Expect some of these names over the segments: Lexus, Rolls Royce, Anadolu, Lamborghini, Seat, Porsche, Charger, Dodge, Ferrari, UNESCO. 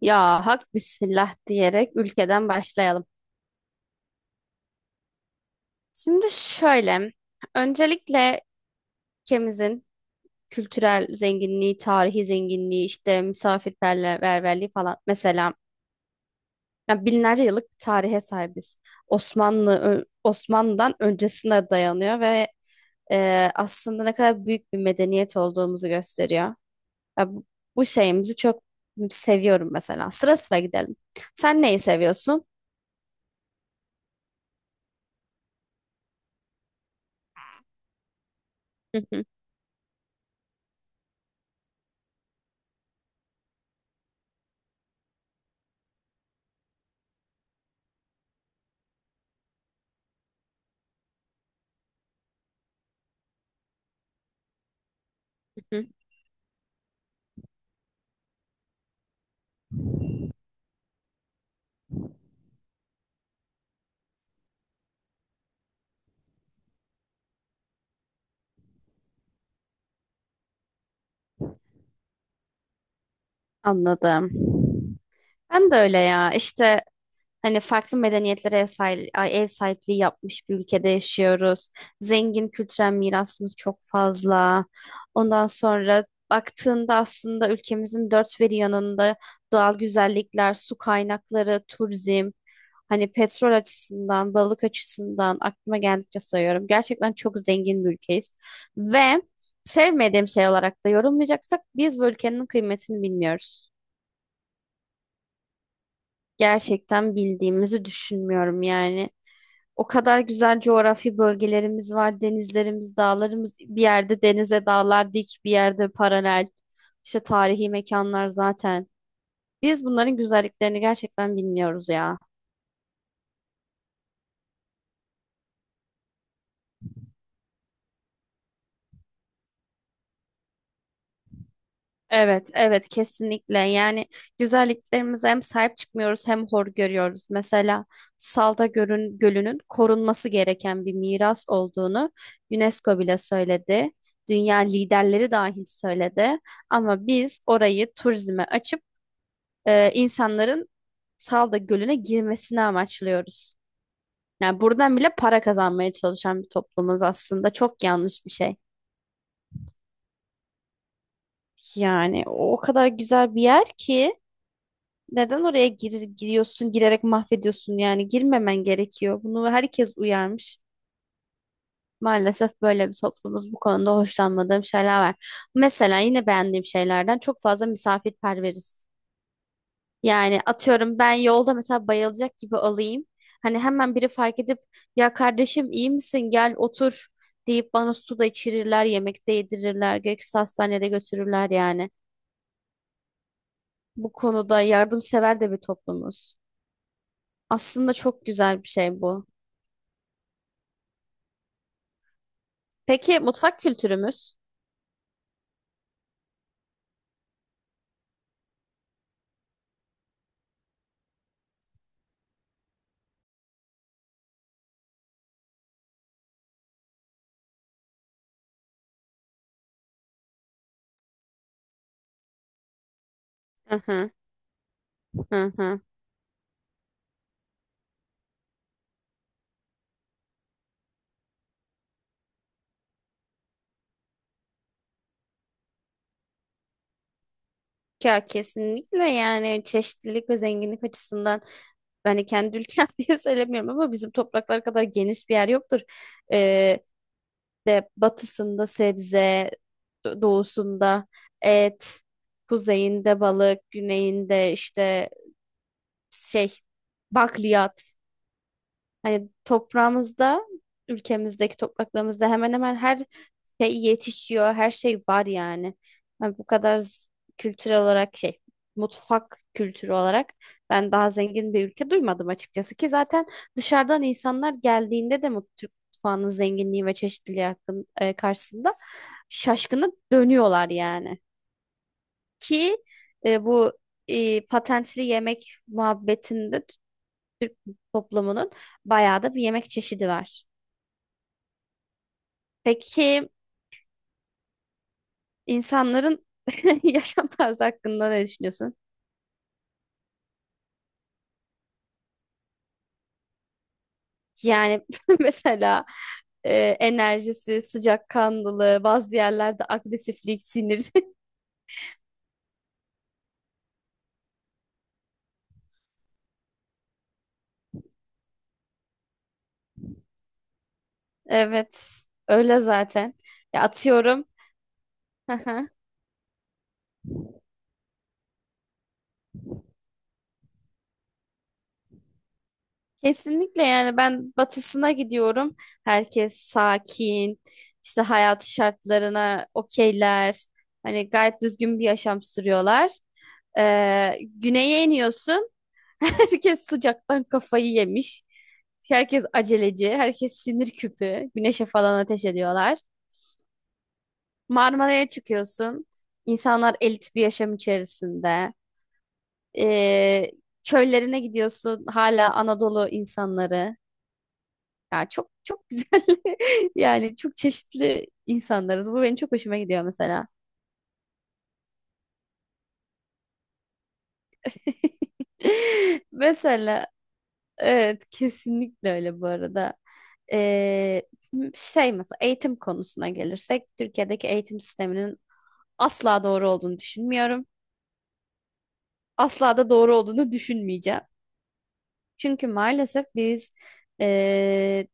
Ya hak bismillah diyerek ülkeden başlayalım. Şimdi şöyle, öncelikle ülkemizin kültürel zenginliği, tarihi zenginliği, işte misafirperverliği falan mesela ya binlerce yıllık bir tarihe sahibiz. Osmanlı'dan öncesine dayanıyor ve aslında ne kadar büyük bir medeniyet olduğumuzu gösteriyor. Ya bu, bu şeyimizi çok seviyorum mesela. Sıra sıra gidelim. Sen neyi seviyorsun? Hı hı hı. Anladım. Ben de öyle ya. İşte hani farklı medeniyetlere ev sahipliği yapmış bir ülkede yaşıyoruz. Zengin kültürel mirasımız çok fazla. Ondan sonra baktığında aslında ülkemizin dört bir yanında doğal güzellikler, su kaynakları, turizm, hani petrol açısından, balık açısından aklıma geldikçe sayıyorum. Gerçekten çok zengin bir ülkeyiz. Ve sevmediğim şey olarak da yorumlayacaksak biz bu ülkenin kıymetini bilmiyoruz, gerçekten bildiğimizi düşünmüyorum yani. O kadar güzel coğrafi bölgelerimiz var. Denizlerimiz, dağlarımız bir yerde denize dağlar dik, bir yerde paralel. İşte tarihi mekanlar zaten. Biz bunların güzelliklerini gerçekten bilmiyoruz ya. Evet, evet kesinlikle. Yani güzelliklerimize hem sahip çıkmıyoruz hem hor görüyoruz. Mesela Gölü'nün korunması gereken bir miras olduğunu UNESCO bile söyledi. Dünya liderleri dahil söyledi. Ama biz orayı turizme açıp insanların Salda Gölü'ne girmesini amaçlıyoruz. Yani buradan bile para kazanmaya çalışan bir toplumuz aslında. Çok yanlış bir şey. Yani o kadar güzel bir yer ki. Giriyorsun, girerek mahvediyorsun yani girmemen gerekiyor. Bunu herkes uyarmış. Maalesef böyle bir toplumuz, bu konuda hoşlanmadığım şeyler var. Mesela yine beğendiğim şeylerden çok fazla misafirperveriz. Yani atıyorum ben yolda mesela bayılacak gibi olayım. Hani hemen biri fark edip ya kardeşim iyi misin gel otur deyip bana su da içirirler, yemek de yedirirler, gerekirse hastanede götürürler yani. Bu konuda yardımsever de bir toplumuz. Aslında çok güzel bir şey bu. Peki mutfak kültürümüz? Hı hı, hı hı. Ya kesinlikle yani çeşitlilik ve zenginlik açısından ben de kendi ülkem diye söylemiyorum ama bizim topraklar kadar geniş bir yer yoktur. Ee, de batısında sebze, doğusunda et, kuzeyinde balık, güneyinde işte şey bakliyat. Hani toprağımızda, ülkemizdeki topraklarımızda hemen hemen her şey yetişiyor, her şey var yani. Hani bu kadar z- kültürel olarak şey, mutfak kültürü olarak ben daha zengin bir ülke duymadım açıkçası ki zaten dışarıdan insanlar geldiğinde de Türk mutfağının zenginliği ve çeşitliliği karşısında şaşkına dönüyorlar yani. Ki bu patentli yemek muhabbetinde toplumunun bayağı da bir yemek çeşidi var. Peki insanların yaşam tarzı hakkında ne düşünüyorsun? Yani mesela enerjisi, sıcakkanlılığı, bazı yerlerde agresiflik, sinir. Evet, öyle zaten. Ya atıyorum. Hı hı. Kesinlikle yani ben batısına gidiyorum. Herkes sakin, işte hayat şartlarına okeyler. Hani gayet düzgün bir yaşam sürüyorlar. Güneye iniyorsun. Herkes sıcaktan kafayı yemiş. Herkes aceleci, herkes sinir küpü. Güneşe falan ateş ediyorlar. Marmara'ya çıkıyorsun. İnsanlar elit bir yaşam içerisinde. Ee, köylerine gidiyorsun. Hala Anadolu insanları. Ya çok çok güzel. Yani çok çeşitli insanlarız. Bu benim çok hoşuma gidiyor mesela. Mesela evet, kesinlikle öyle bu arada. Ee, şey mesela eğitim konusuna gelirsek Türkiye'deki eğitim sisteminin asla doğru olduğunu düşünmüyorum. Asla da doğru olduğunu düşünmeyeceğim. Çünkü maalesef biz ee,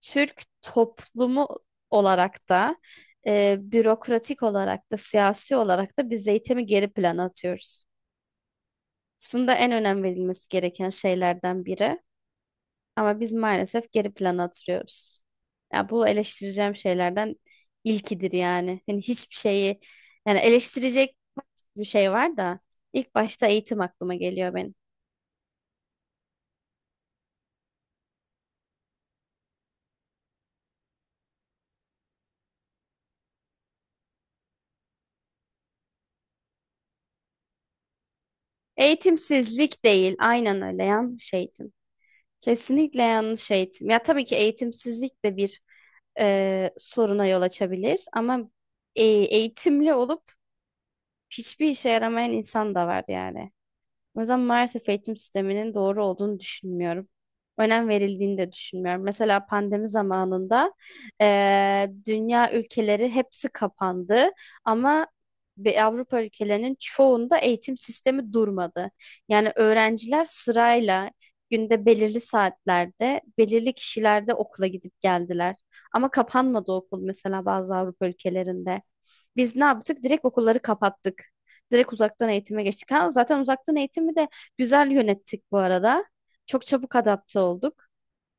Türk toplumu olarak da bürokratik olarak da siyasi olarak da biz eğitimi geri plana atıyoruz. Aslında en önem verilmesi gereken şeylerden biri. Ama biz maalesef geri plana atılıyoruz. Ya bu eleştireceğim şeylerden ilkidir yani. Hani hiçbir şeyi yani eleştirecek bir şey var da ilk başta eğitim aklıma geliyor benim. Eğitimsizlik değil, aynen öyle yanlış eğitim. Kesinlikle yanlış eğitim. Ya tabii ki eğitimsizlik de bir soruna yol açabilir ama eğitimli olup hiçbir işe yaramayan insan da var yani. O yüzden maalesef eğitim sisteminin doğru olduğunu düşünmüyorum. Önem verildiğini de düşünmüyorum. Mesela pandemi zamanında dünya ülkeleri hepsi kapandı ama bir Avrupa ülkelerinin çoğunda eğitim sistemi durmadı. Yani öğrenciler sırayla günde belirli saatlerde, belirli kişilerde okula gidip geldiler. Ama kapanmadı okul mesela bazı Avrupa ülkelerinde. Biz ne yaptık? Direkt okulları kapattık. Direkt uzaktan eğitime geçtik. Ha, zaten uzaktan eğitimi de güzel yönettik bu arada. Çok çabuk adapte olduk.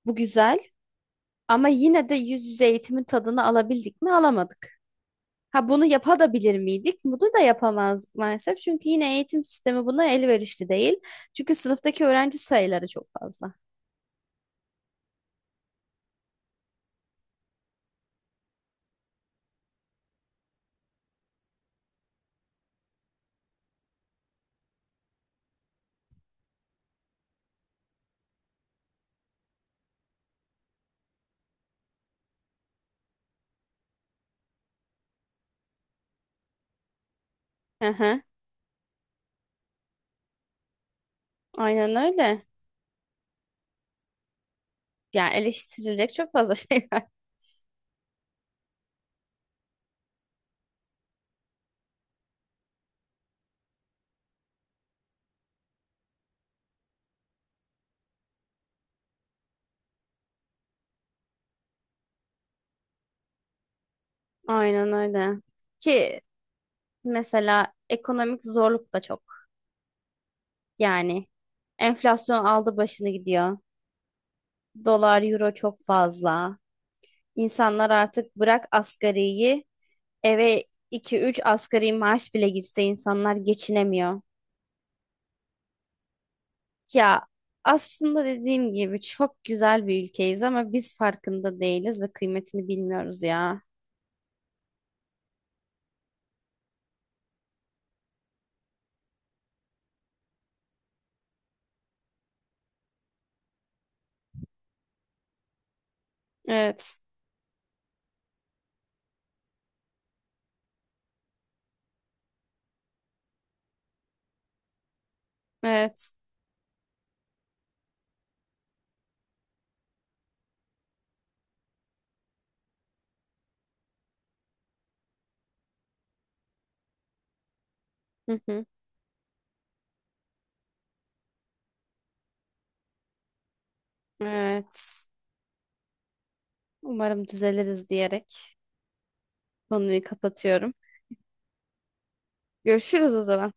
Bu güzel. Ama yine de yüz yüze eğitimin tadını alabildik mi? Alamadık. Ha bunu yapabilir miydik? Bunu da yapamazdık maalesef. Çünkü yine eğitim sistemi buna elverişli değil. Çünkü sınıftaki öğrenci sayıları çok fazla. Hı hı. Aynen öyle. Yani eleştirilecek çok fazla şey var. Aynen öyle. Ki mesela ekonomik zorluk da çok. Yani enflasyon aldı başını gidiyor. Dolar, euro çok fazla. İnsanlar artık bırak asgariyi, eve iki üç asgari maaş bile girse insanlar geçinemiyor. Ya aslında dediğim gibi çok güzel bir ülkeyiz ama biz farkında değiliz ve kıymetini bilmiyoruz ya. Evet, evet, hı hı, evet. Umarım düzeliriz diyerek konuyu kapatıyorum. Görüşürüz o zaman.